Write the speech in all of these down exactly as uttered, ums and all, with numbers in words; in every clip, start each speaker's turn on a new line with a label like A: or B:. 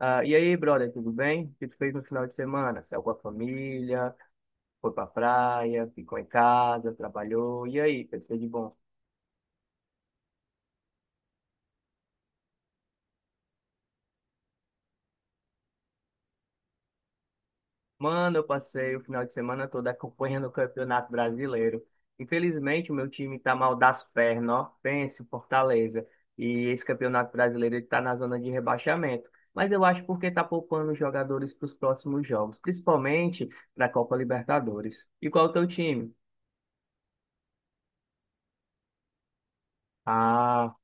A: Ah, e aí, brother, tudo bem? O que tu fez no final de semana? Saiu com a família, foi pra praia, ficou em casa, trabalhou. E aí, o que tu fez de bom? Mano, eu passei o final de semana todo acompanhando o Campeonato Brasileiro. Infelizmente, o meu time tá mal das pernas, ó. Pense, o Fortaleza. E esse Campeonato Brasileiro, ele tá na zona de rebaixamento. Mas eu acho porque tá poupando os jogadores para os próximos jogos, principalmente para a Copa Libertadores. E qual é o teu time? Ah.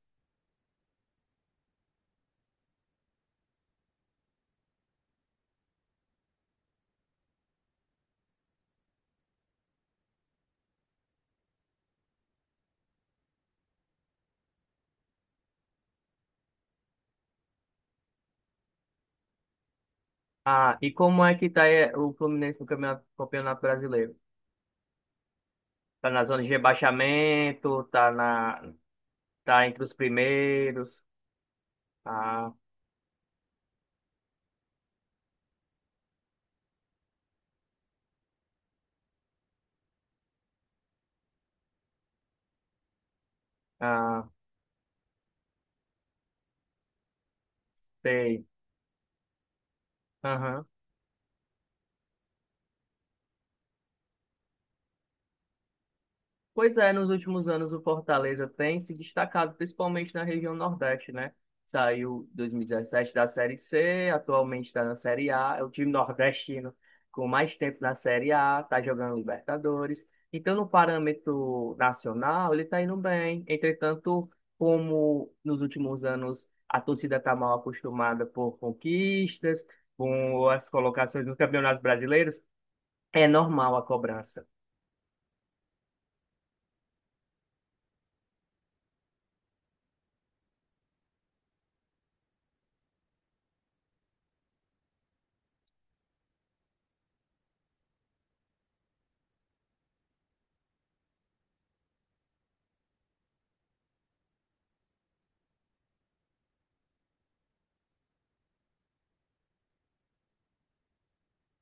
A: Ah, e como é que tá eh, o Fluminense no campeonato, campeonato brasileiro? Tá na zona de rebaixamento, tá na, tá entre os primeiros. Ah, ah, sei. Pois é, nos últimos anos o Fortaleza tem se destacado, principalmente na região Nordeste, né? Saiu dois mil e dezessete da Série C, atualmente está na Série A, é o time nordestino com mais tempo na Série A, está jogando Libertadores. Então, no parâmetro nacional, ele está indo bem. Entretanto, como nos últimos anos a torcida está mal acostumada por conquistas, com as colocações nos campeonatos brasileiros, é normal a cobrança.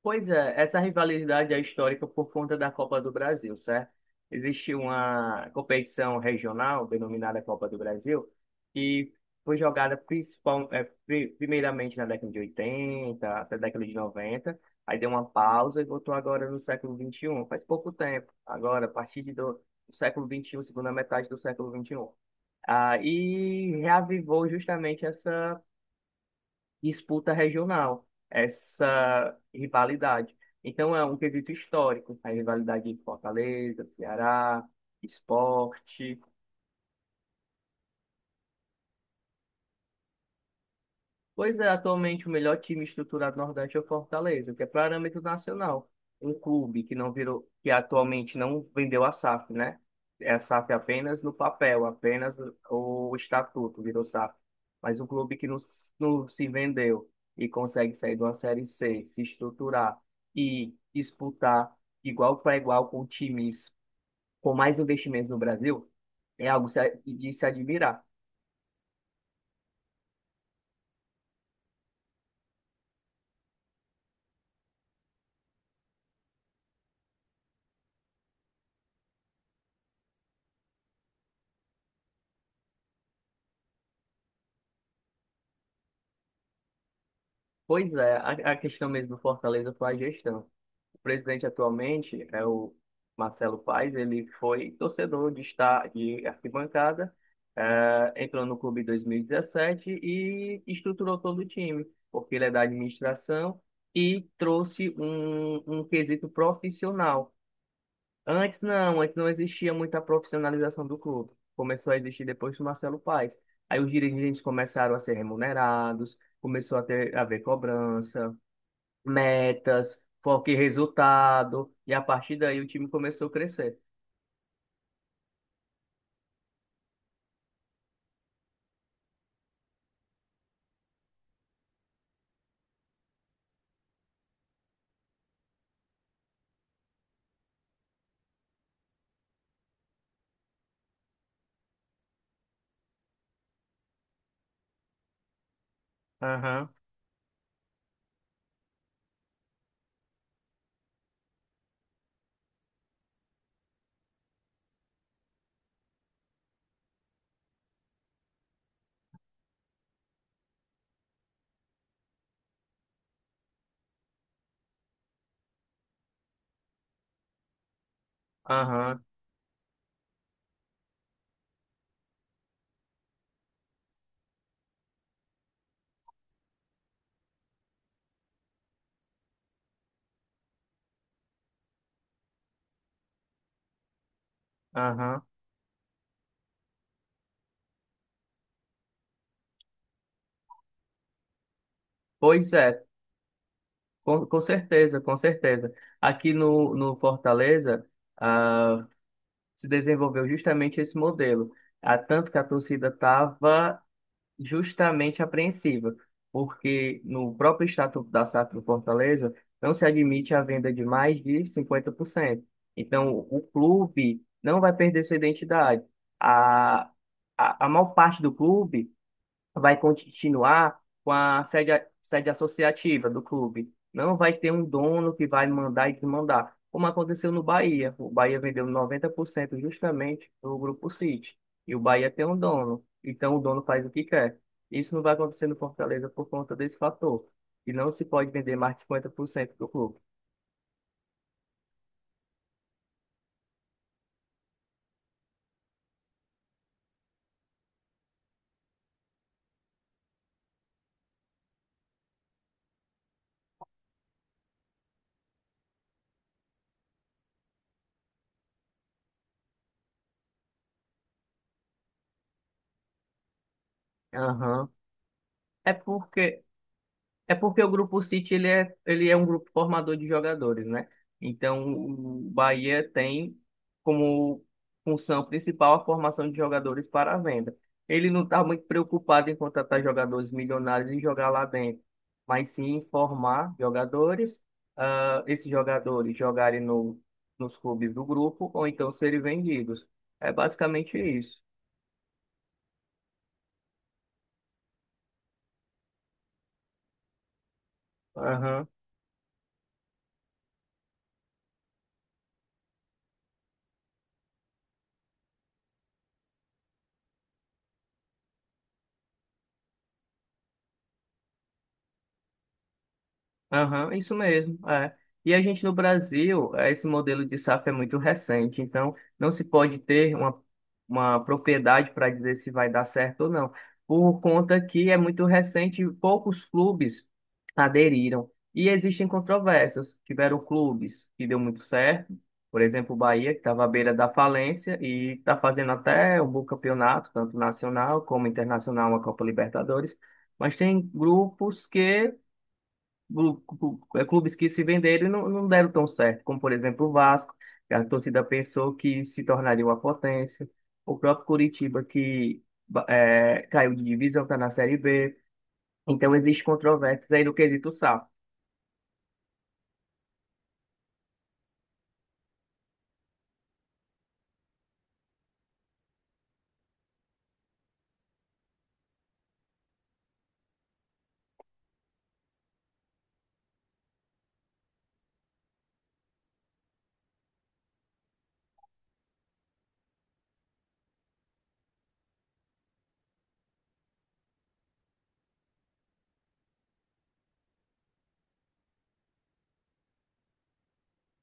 A: Pois é, essa rivalidade é histórica por conta da Copa do Brasil, certo? Existe uma competição regional denominada Copa do Brasil, que foi jogada principal, é, pri- primeiramente na década de oitenta até a década de noventa, aí deu uma pausa e voltou agora no século vinte e um, faz pouco tempo, agora, a partir de do, do século vinte e um, segunda metade do século vinte e um, Ah, e reavivou justamente essa disputa regional, essa rivalidade. Então, é um quesito histórico, a rivalidade de Fortaleza, Ceará, Sport. Pois é, atualmente o melhor time estruturado do Nordeste é o Fortaleza, que é parâmetro nacional. Um clube que não virou, que atualmente não vendeu a SAF, né? É a SAF apenas no papel, apenas o estatuto virou SAF. Mas um clube que não, s- não se vendeu e consegue sair de uma Série C, se estruturar e disputar igual para igual com times com mais investimentos no Brasil, é algo se a- de se admirar. Pois é, a a questão mesmo do Fortaleza foi a gestão. Presidente atualmente é o Marcelo Paes, ele foi torcedor de estar de arquibancada, eh, entrou no clube em dois mil e dezessete e dezessete e estruturou todo o time, porque ele é da administração e trouxe um, um quesito profissional. Antes não, antes não existia muita profissionalização do clube. Começou a existir depois do Marcelo Paes. Aí os dirigentes começaram a ser remunerados, começou a ter a haver cobrança, metas, foco em resultado, e a partir daí o time começou a crescer. Aham, aham, aham. Pois é, com, com certeza, com certeza. Aqui no, no Fortaleza, ah, se desenvolveu justamente esse modelo. Ah, tanto que a torcida estava justamente apreensiva, porque no próprio Estatuto da SAF do Fortaleza não se admite a venda de mais de cinquenta por cento. Então, o clube não vai perder sua identidade. A, a, a maior parte do clube vai continuar com a sede, sede associativa do clube. Não vai ter um dono que vai mandar e desmandar, como aconteceu no Bahia. O Bahia vendeu noventa por cento justamente para o Grupo City. E o Bahia tem um dono. Então o dono faz o que quer. Isso não vai acontecer no Fortaleza por conta desse fator. E não se pode vender mais de cinquenta por cento do clube. Aham. É porque É porque o grupo City ele é, ele é um grupo formador de jogadores, né? Então o Bahia tem como função principal a formação de jogadores para a venda. Ele não está muito preocupado em contratar jogadores milionários e jogar lá dentro, mas sim em formar jogadores, ah, esses jogadores jogarem no, nos clubes do grupo ou então serem vendidos. É basicamente isso. Aham, isso mesmo. É. E a gente no Brasil, eh, esse modelo de safra é muito recente, então não se pode ter uma, uma, propriedade para dizer se vai dar certo ou não, por conta que é muito recente e poucos clubes aderiram. E existem controvérsias. Tiveram clubes que deu muito certo, por exemplo, o Bahia, que estava à beira da falência e está fazendo até um bom campeonato, tanto nacional como internacional, uma Copa Libertadores. Mas tem grupos que clu- clu- é, clubes que se venderam e não, não deram tão certo, como por exemplo o Vasco, que a torcida pensou que se tornaria uma potência, o próprio Curitiba, que ba- é, caiu de divisão, está na Série B. Então, existe controvérsias aí no quesito SAF.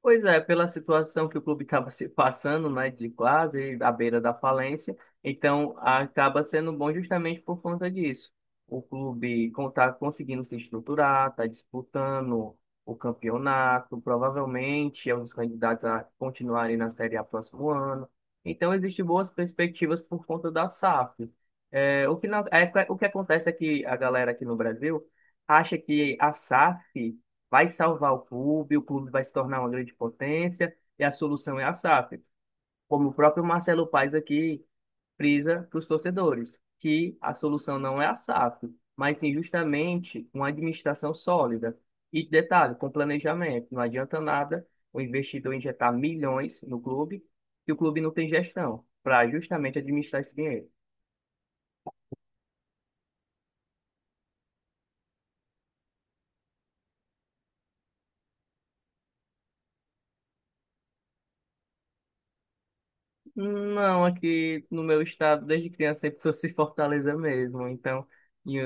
A: Pois é, pela situação que o clube estava se passando, né, de quase à beira da falência, então acaba sendo bom justamente por conta disso. O clube está conseguindo se estruturar, está disputando o campeonato, provavelmente é um dos candidatos a continuarem na Série A próximo ano. Então existem boas perspectivas por conta da S A F. É, o que não- é, o que acontece é que a galera aqui no Brasil acha que a S A F vai salvar o clube, o clube vai se tornar uma grande potência e a solução é a SAF. Como o próprio Marcelo Paes aqui frisa para os torcedores, que a solução não é a SAF, mas sim justamente uma administração sólida. E detalhe, com planejamento, não adianta nada o investidor injetar milhões no clube, que o clube não tem gestão para justamente administrar esse dinheiro. Não, aqui no meu estado, desde criança, sempre trouxe Fortaleza mesmo. Então, e,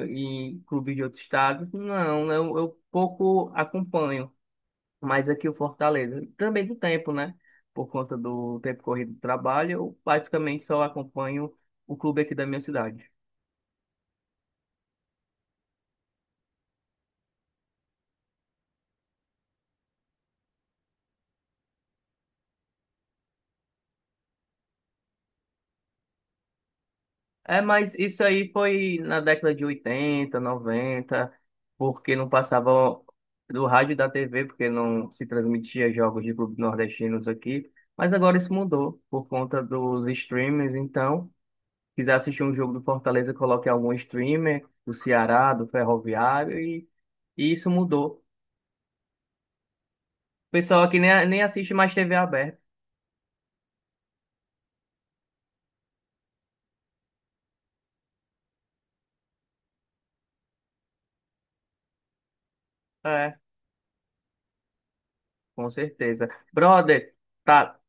A: e clubes de outro estado, não, né? eu, eu pouco acompanho. Mas aqui o Fortaleza, também do tempo, né? Por conta do tempo corrido do trabalho, eu praticamente só acompanho o clube aqui da minha cidade. É, mas isso aí foi na década de oitenta, noventa, porque não passava do rádio e da T V, porque não se transmitia jogos de clubes nordestinos aqui. Mas agora isso mudou por conta dos streamers. Então, quiser assistir um jogo do Fortaleza, coloque algum streamer do Ceará, do Ferroviário, e, e isso mudou. O pessoal aqui nem, nem assiste mais T V aberta. É, com certeza. Brother, tá.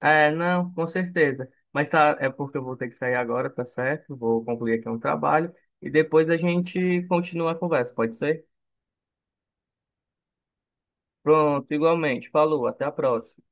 A: É, não, com certeza. Mas tá, é porque eu vou ter que sair agora, tá certo? Vou concluir aqui um trabalho e depois a gente continua a conversa, pode ser? Pronto, igualmente. Falou, até a próxima.